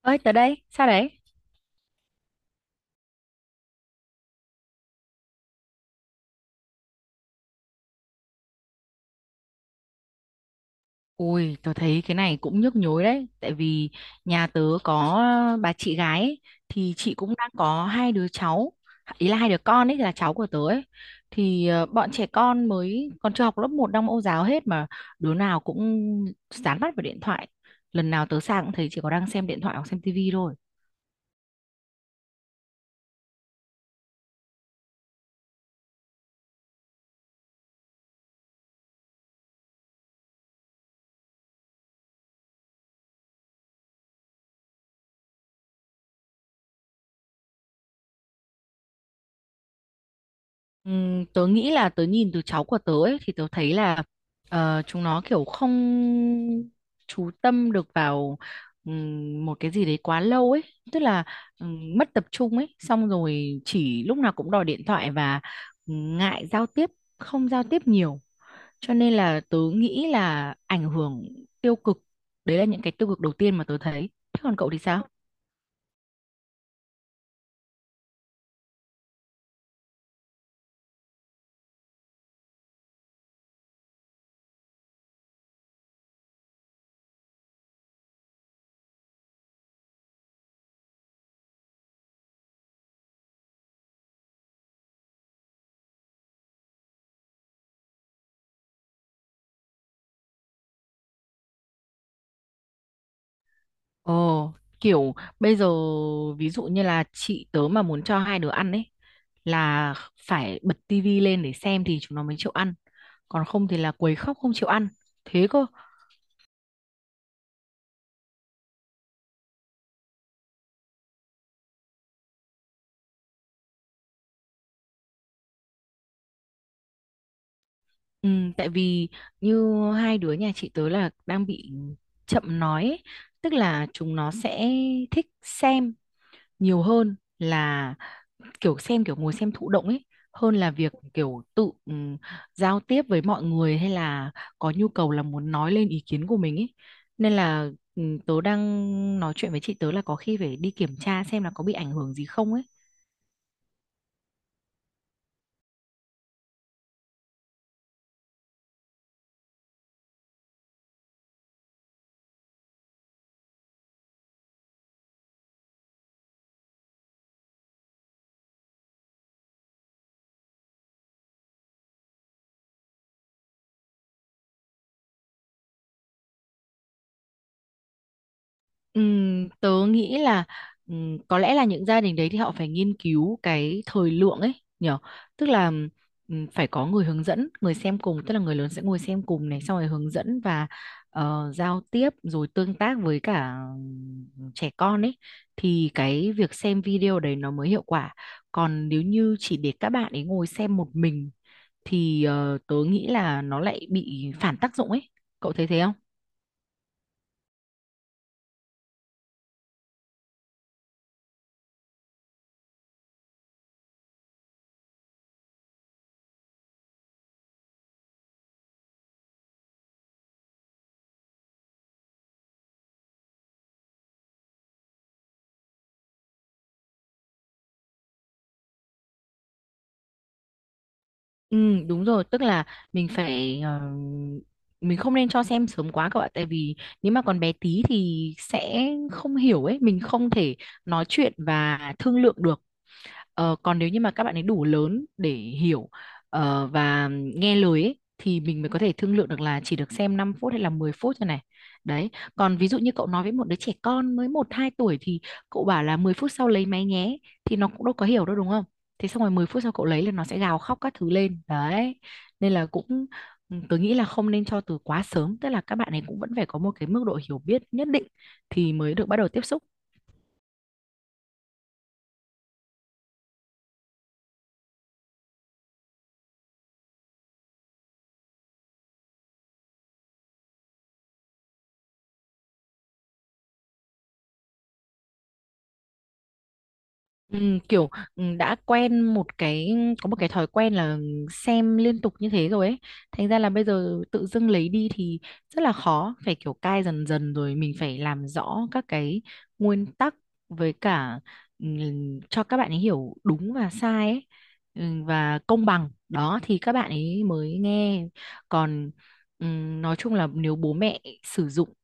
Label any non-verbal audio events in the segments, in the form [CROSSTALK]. Ơi tớ đây, sao đấy? Ui, tớ thấy cái này cũng nhức nhối đấy, tại vì nhà tớ có bà chị gái ấy, thì chị cũng đang có hai đứa cháu, ý là hai đứa con ấy là cháu của tớ ấy. Thì bọn trẻ con mới còn chưa học lớp một, đang mẫu giáo hết, mà đứa nào cũng dán mắt vào điện thoại. Lần nào tớ sang cũng thấy chỉ có đang xem điện thoại hoặc xem tivi thôi. Tớ nghĩ là tớ nhìn từ cháu của tớ ấy, thì tớ thấy là chúng nó kiểu không chú tâm được vào một cái gì đấy quá lâu ấy, tức là mất tập trung ấy, xong rồi chỉ lúc nào cũng đòi điện thoại và ngại giao tiếp, không giao tiếp nhiều, cho nên là tớ nghĩ là ảnh hưởng tiêu cực. Đấy là những cái tiêu cực đầu tiên mà tớ thấy, thế còn cậu thì sao? Ồ, kiểu bây giờ ví dụ như là chị tớ mà muốn cho hai đứa ăn ấy, là phải bật tivi lên để xem thì chúng nó mới chịu ăn. Còn không thì là quấy khóc không chịu ăn. Thế cơ. Ừ, tại vì như hai đứa nhà chị tớ là đang bị chậm nói ấy. Tức là chúng nó sẽ thích xem nhiều hơn là kiểu xem, kiểu ngồi xem thụ động ấy, hơn là việc kiểu tự giao tiếp với mọi người hay là có nhu cầu là muốn nói lên ý kiến của mình ấy, nên là ừ, tớ đang nói chuyện với chị tớ là có khi phải đi kiểm tra xem là có bị ảnh hưởng gì không ấy. Tớ nghĩ là có lẽ là những gia đình đấy thì họ phải nghiên cứu cái thời lượng ấy nhở, tức là phải có người hướng dẫn, người xem cùng, tức là người lớn sẽ ngồi xem cùng này, xong rồi hướng dẫn và giao tiếp rồi tương tác với cả trẻ con ấy, thì cái việc xem video đấy nó mới hiệu quả. Còn nếu như chỉ để các bạn ấy ngồi xem một mình thì tớ nghĩ là nó lại bị phản tác dụng ấy, cậu thấy thế không? Ừ đúng rồi, tức là mình phải mình không nên cho xem sớm quá các bạn, tại vì nếu mà còn bé tí thì sẽ không hiểu ấy, mình không thể nói chuyện và thương lượng được. Ờ, còn nếu như mà các bạn ấy đủ lớn để hiểu và nghe lời ấy, thì mình mới có thể thương lượng được là chỉ được xem 5 phút hay là 10 phút thôi này. Đấy. Còn ví dụ như cậu nói với một đứa trẻ con mới một 2 tuổi thì cậu bảo là 10 phút sau lấy máy nhé, thì nó cũng đâu có hiểu đâu đúng không? Thế xong rồi 10 phút sau cậu lấy là nó sẽ gào khóc các thứ lên. Đấy. Nên là cũng ừ, tớ nghĩ là không nên cho từ quá sớm, tức là các bạn ấy cũng vẫn phải có một cái mức độ hiểu biết nhất định thì mới được bắt đầu tiếp xúc. Kiểu đã quen một cái, có một cái thói quen là xem liên tục như thế rồi ấy, thành ra là bây giờ tự dưng lấy đi thì rất là khó, phải kiểu cai dần dần, rồi mình phải làm rõ các cái nguyên tắc, với cả cho các bạn ấy hiểu đúng và sai ấy, và công bằng đó thì các bạn ấy mới nghe. Còn nói chung là nếu bố mẹ sử dụng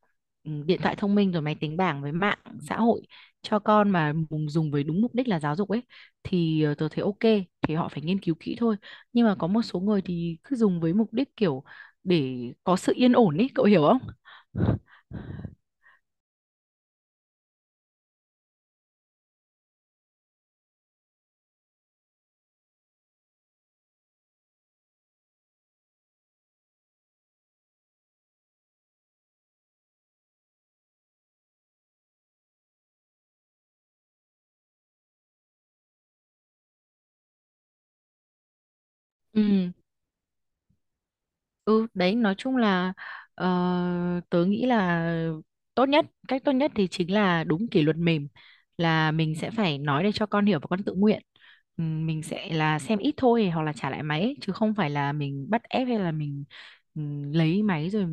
điện thoại thông minh rồi máy tính bảng với mạng xã hội cho con mà dùng với đúng mục đích là giáo dục ấy, thì tớ thấy ok, thì họ phải nghiên cứu kỹ thôi. Nhưng mà có một số người thì cứ dùng với mục đích kiểu để có sự yên ổn ấy, cậu hiểu không? Ừ. Ừ đấy, nói chung là ờ, tớ nghĩ là tốt nhất, cách tốt nhất thì chính là đúng kỷ luật mềm, là mình sẽ phải nói để cho con hiểu và con tự nguyện. Mình sẽ là xem ít thôi hoặc là trả lại máy ấy, chứ không phải là mình bắt ép hay là mình lấy máy rồi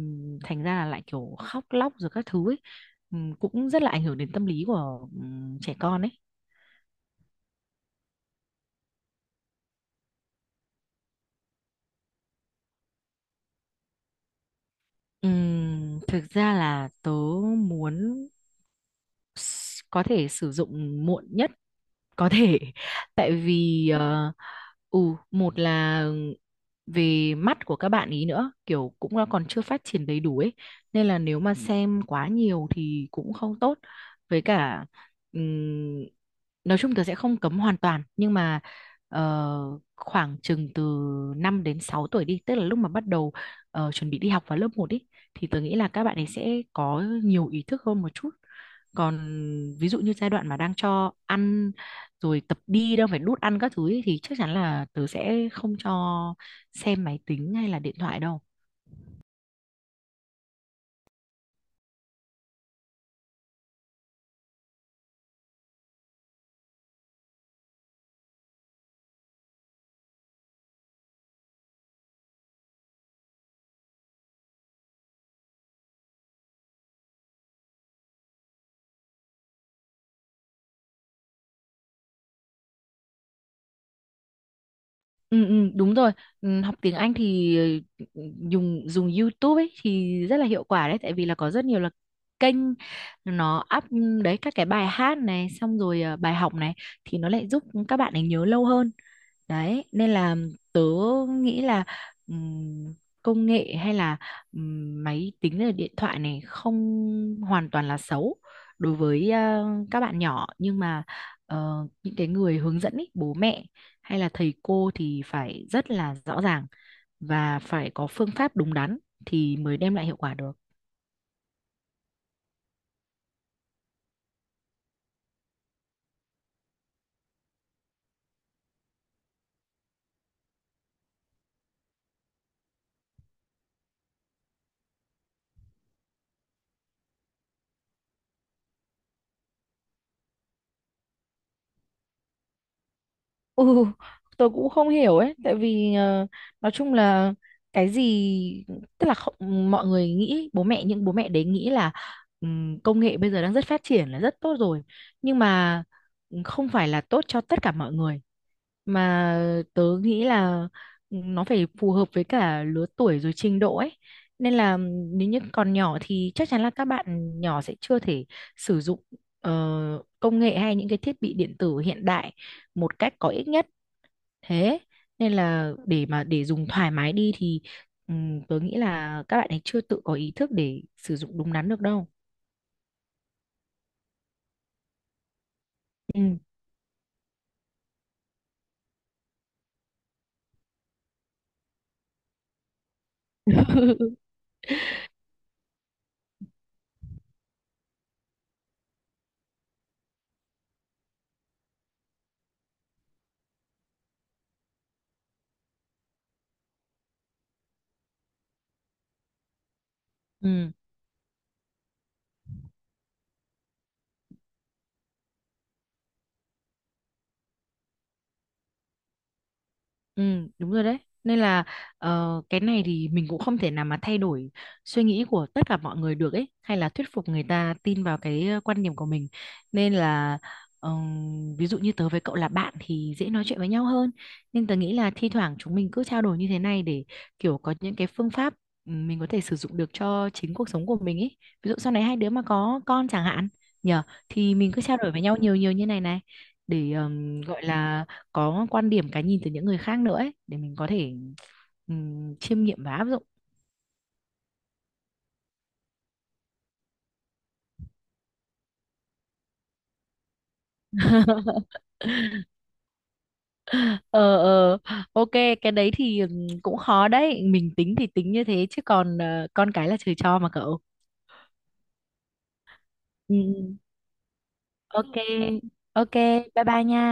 thành ra là lại kiểu khóc lóc rồi các thứ ấy. Cũng rất là ảnh hưởng đến tâm lý của trẻ con ấy. Thực ra là tớ muốn có thể sử dụng muộn nhất có thể, [LAUGHS] tại vì ừ, một là về mắt của các bạn ý nữa, kiểu cũng nó còn chưa phát triển đầy đủ ấy, nên là nếu mà xem quá nhiều thì cũng không tốt. Với cả ừm, nói chung tớ sẽ không cấm hoàn toàn, nhưng mà khoảng chừng từ 5 đến 6 tuổi đi, tức là lúc mà bắt đầu chuẩn bị đi học vào lớp một ý, thì tớ nghĩ là các bạn ấy sẽ có nhiều ý thức hơn một chút. Còn ví dụ như giai đoạn mà đang cho ăn rồi tập đi đâu phải nút ăn các thứ ấy, thì chắc chắn là tớ sẽ không cho xem máy tính hay là điện thoại đâu. Ừ, ừ, đúng rồi, ừ, học tiếng Anh thì ừ, dùng dùng YouTube ấy thì rất là hiệu quả đấy, tại vì là có rất nhiều là kênh nó up ừ, đấy các cái bài hát này xong rồi bài học này, thì nó lại giúp các bạn ấy nhớ lâu hơn. Đấy, nên là tớ nghĩ là ừm, công nghệ hay là máy tính hay là điện thoại này không hoàn toàn là xấu đối với các bạn nhỏ, nhưng mà những cái người hướng dẫn ý, bố mẹ hay là thầy cô thì phải rất là rõ ràng và phải có phương pháp đúng đắn thì mới đem lại hiệu quả được. Ừ, tôi cũng không hiểu ấy, tại vì nói chung là cái gì tức là không, mọi người nghĩ bố mẹ, những bố mẹ đấy nghĩ là công nghệ bây giờ đang rất phát triển là rất tốt rồi, nhưng mà không phải là tốt cho tất cả mọi người, mà tớ nghĩ là nó phải phù hợp với cả lứa tuổi rồi trình độ ấy. Nên là nếu như còn nhỏ thì chắc chắn là các bạn nhỏ sẽ chưa thể sử dụng ờ, công nghệ hay những cái thiết bị điện tử hiện đại một cách có ích nhất. Thế nên là để dùng thoải mái đi thì tớ nghĩ là các bạn ấy chưa tự có ý thức để sử dụng đúng đắn được đâu. Ừ. [LAUGHS] Ừ. Ừ, đúng rồi đấy. Nên là cái này thì mình cũng không thể nào mà thay đổi suy nghĩ của tất cả mọi người được ấy, hay là thuyết phục người ta tin vào cái quan điểm của mình. Nên là ví dụ như tớ với cậu là bạn thì dễ nói chuyện với nhau hơn. Nhưng tớ nghĩ là thi thoảng chúng mình cứ trao đổi như thế này để kiểu có những cái phương pháp ừ, mình có thể sử dụng được cho chính cuộc sống của mình ấy. Ví dụ sau này hai đứa mà có con chẳng hạn, nhờ, thì mình cứ trao đổi với nhau nhiều nhiều như này này để gọi là có quan điểm, cái nhìn từ những người khác nữa ấy, để mình có thể chiêm nghiệm và áp dụng. Ờ ờ, ok. Cái đấy thì cũng khó đấy, mình tính thì tính như thế chứ còn con cái là trời cho mà cậu. Ừ, ừ. Ok. Ok, bye bye nha.